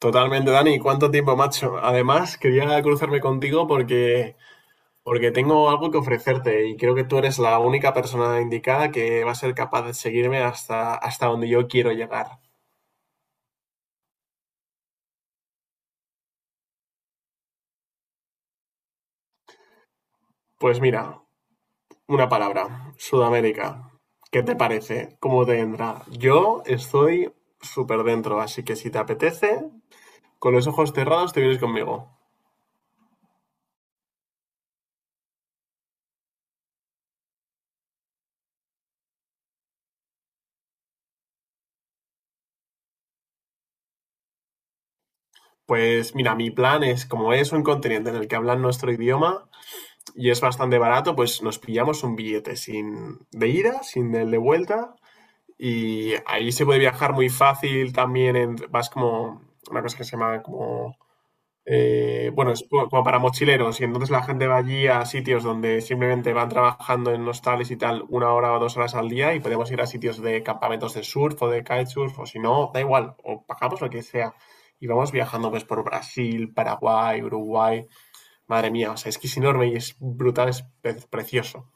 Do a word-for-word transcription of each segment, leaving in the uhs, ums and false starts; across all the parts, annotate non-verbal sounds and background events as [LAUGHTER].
Totalmente, Dani. ¿Cuánto tiempo, macho? Además, quería cruzarme contigo porque, porque tengo algo que ofrecerte y creo que tú eres la única persona indicada que va a ser capaz de seguirme hasta, hasta donde yo quiero llegar. Pues mira, una palabra, Sudamérica. ¿Qué te parece? ¿Cómo te entra? Yo estoy súper dentro, así que si te apetece, con los ojos cerrados te vienes conmigo. Pues mira, mi plan es, como es un continente en el que hablan nuestro idioma, y es bastante barato, pues nos pillamos un billete sin de ida, sin el de vuelta. Y ahí se puede viajar muy fácil también. En- vas como una cosa que se llama como. Eh, bueno, es como como para mochileros. Y entonces la gente va allí a sitios donde simplemente van trabajando en hostales y tal una hora o dos horas al día. Y podemos ir a sitios de campamentos de surf o de kitesurf. O si no, da igual. O pagamos lo que sea. Y vamos viajando pues por Brasil, Paraguay, Uruguay. Madre mía, o sea, es que es enorme y es brutal, es pre- precioso.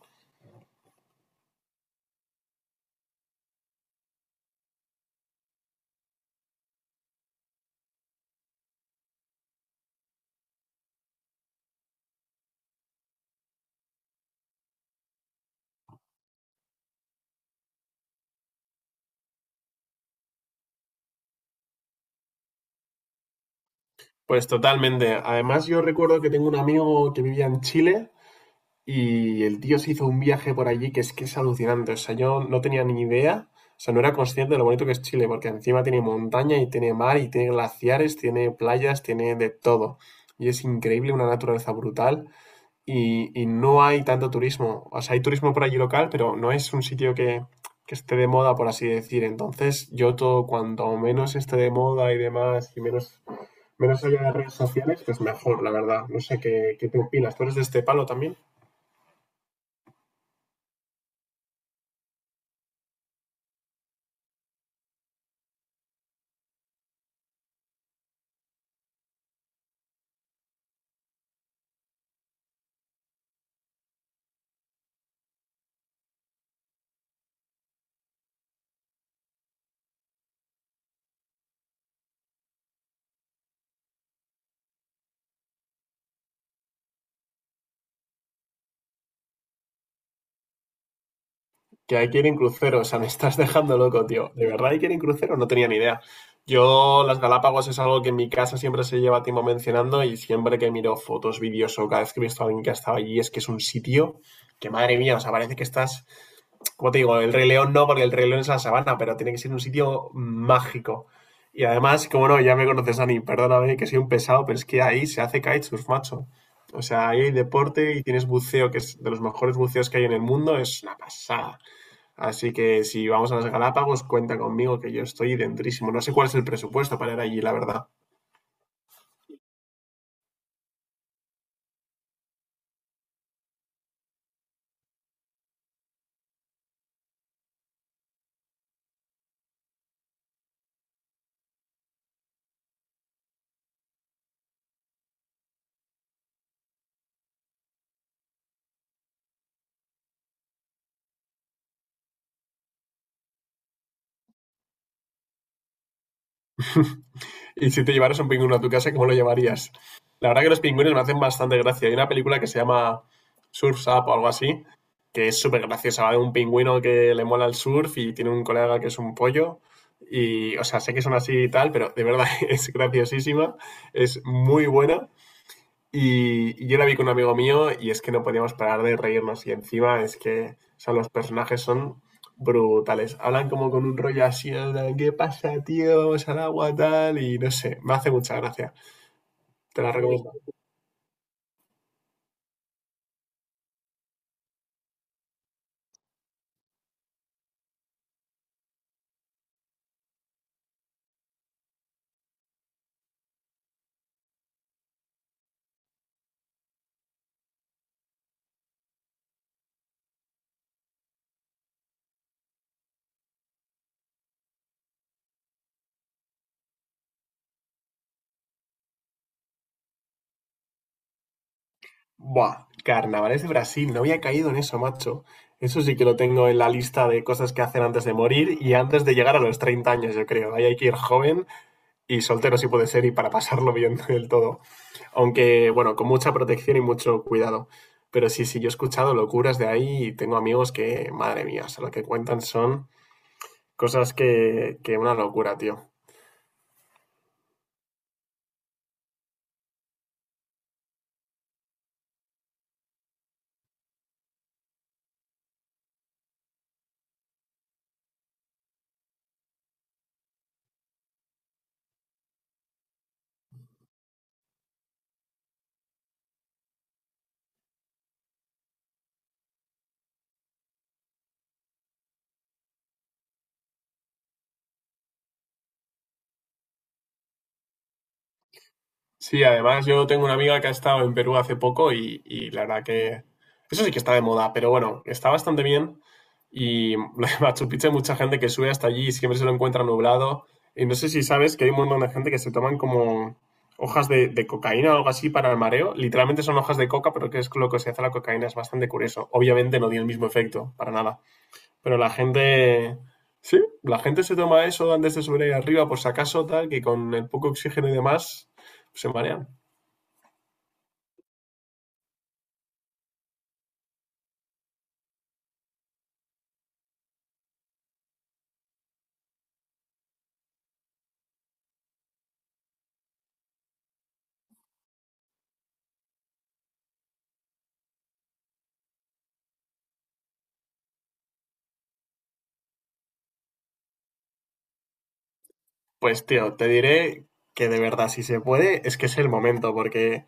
Pues totalmente. Además, yo recuerdo que tengo un amigo que vivía en Chile y el tío se hizo un viaje por allí que es que es alucinante. O sea, yo no tenía ni idea, o sea, no era consciente de lo bonito que es Chile, porque encima tiene montaña y tiene mar y tiene glaciares, tiene playas, tiene de todo. Y es increíble, una naturaleza brutal. y, y no hay tanto turismo. O sea, hay turismo por allí local, pero no es un sitio que, que esté de moda, por así decir. Entonces, yo todo, cuanto menos esté de moda y demás, y menos, menos haya de redes sociales, pues mejor, la verdad. No sé qué, qué te opinas. ¿Tú eres de este palo también? Que hay que ir en crucero, o sea, [LAUGHS] me estás dejando loco, tío. ¿De verdad hay que ir en crucero? No tenía ni idea. Yo, las Galápagos es algo que en mi casa siempre se lleva tiempo mencionando y siempre que miro fotos, vídeos o cada vez que he visto a alguien que ha estado allí, es que es un sitio que, madre mía, o sea, parece que estás como te digo, el Rey León no, porque el Rey León es la sabana, pero tiene que ser un sitio mágico. Y además, como no, ya me conoces, Ani, perdóname que soy un pesado, pero es que ahí se hace kitesurf, macho. O sea, ahí hay deporte y tienes buceo, que es de los mejores buceos que hay en el mundo, es una pasada. Así que si vamos a las Galápagos, cuenta conmigo que yo estoy dentrísimo. No sé cuál es el presupuesto para ir allí, la verdad. Y si te llevaras un pingüino a tu casa, ¿cómo lo llamarías? La verdad que los pingüinos me hacen bastante gracia. Hay una película que se llama Surf's Up o algo así, que es súper graciosa. Va de un pingüino que le mola el surf y tiene un colega que es un pollo. Y, o sea, sé que son así y tal, pero de verdad [LAUGHS] es graciosísima, es muy buena. Y, y yo la vi con un amigo mío y es que no podíamos parar de reírnos. Y encima es que, o sea, los personajes son brutales. Hablan como con un rollo así, en plan, ¿qué pasa, tío? Vamos al agua, tal. Y no sé, me hace mucha gracia. Te la recomiendo. Buah, carnavales de Brasil. No había caído en eso, macho. Eso sí que lo tengo en la lista de cosas que hacer antes de morir y antes de llegar a los treinta años, yo creo. Ahí hay que ir joven y soltero si puede ser y para pasarlo bien [LAUGHS] del todo. Aunque, bueno, con mucha protección y mucho cuidado. Pero sí, sí, yo he escuchado locuras de ahí y tengo amigos que, madre mía, o sea, lo que cuentan son cosas que, que una locura, tío. Sí, además yo tengo una amiga que ha estado en Perú hace poco y, y la verdad que eso sí que está de moda, pero bueno, está bastante bien. Y [LAUGHS] lo de Machu Picchu hay mucha gente que sube hasta allí y siempre se lo encuentra nublado. Y no sé si sabes que hay un montón de gente que se toman como hojas de, de cocaína o algo así para el mareo. Literalmente son hojas de coca, pero que es lo que se hace a la cocaína, es bastante curioso. Obviamente no tiene el mismo efecto, para nada. Pero la gente, sí, la gente se toma eso antes de subir ahí arriba por si acaso, tal, que con el poco oxígeno y demás se marean. Pues tío, te diré que de verdad, si se puede, es que es el momento, porque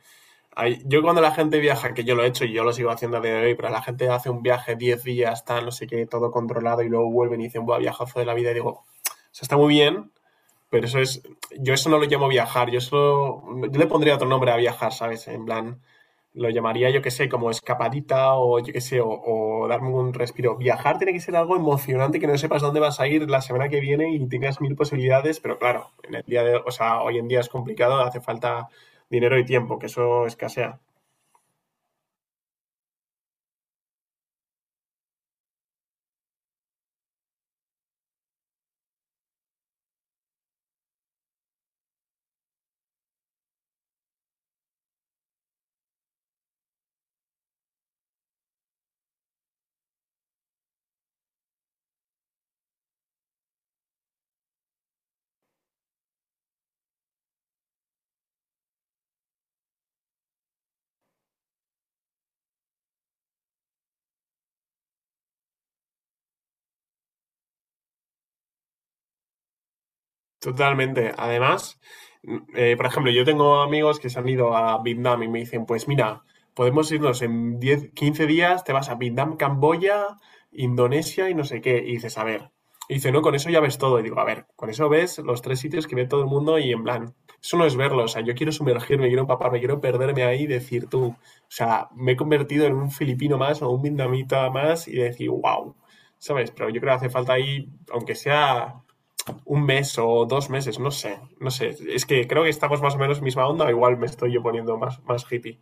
hay- yo, cuando la gente viaja, que yo lo he hecho y yo lo sigo haciendo a día de hoy, pero la gente hace un viaje diez días, tal, no sé qué, todo controlado y luego vuelven y dicen, buah, viajazo de la vida, y digo, se está muy bien. Pero eso es, yo eso no lo llamo viajar, yo eso, yo le pondría otro nombre a viajar, ¿sabes? En plan, lo llamaría, yo qué sé, como escapadita o yo qué sé, o, o darme un respiro. Viajar tiene que ser algo emocionante, que no sepas dónde vas a ir la semana que viene y tengas mil posibilidades, pero claro, en el día de, o sea, hoy en día es complicado, hace falta dinero y tiempo, que eso escasea. Totalmente. Además, mm, eh, por ejemplo, yo tengo amigos que se han ido a Vietnam y me dicen, pues mira, podemos irnos en diez quince días, te vas a Vietnam, Camboya, Indonesia y no sé qué. Y dices, a ver. Y dice, no, con eso ya ves todo. Y digo, a ver, con eso ves los tres sitios que ve todo el mundo y en plan, eso no es verlo. O sea, yo quiero sumergirme, quiero empaparme, quiero perderme ahí y decir tú, o sea, me he convertido en un filipino más o un vietnamita más y decir, wow, ¿sabes? Pero yo creo que hace falta ahí, aunque sea un mes o dos meses, no sé, no sé. Es que creo que estamos más o menos misma onda, o igual me estoy yo poniendo más, más hippie.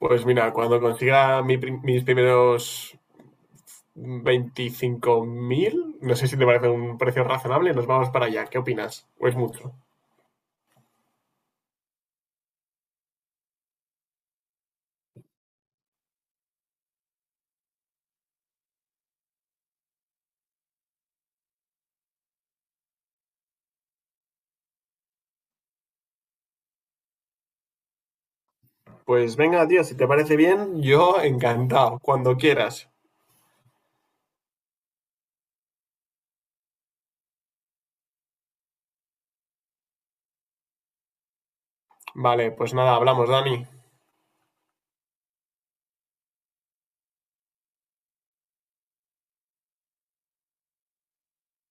Pues mira, cuando consiga mi mis primeros veinticinco mil, no sé si te parece un precio razonable, nos vamos para allá. ¿Qué opinas? ¿O es mucho? Pues venga, tío, si te parece bien, yo encantado, cuando quieras. Vale, pues nada, hablamos, Dani.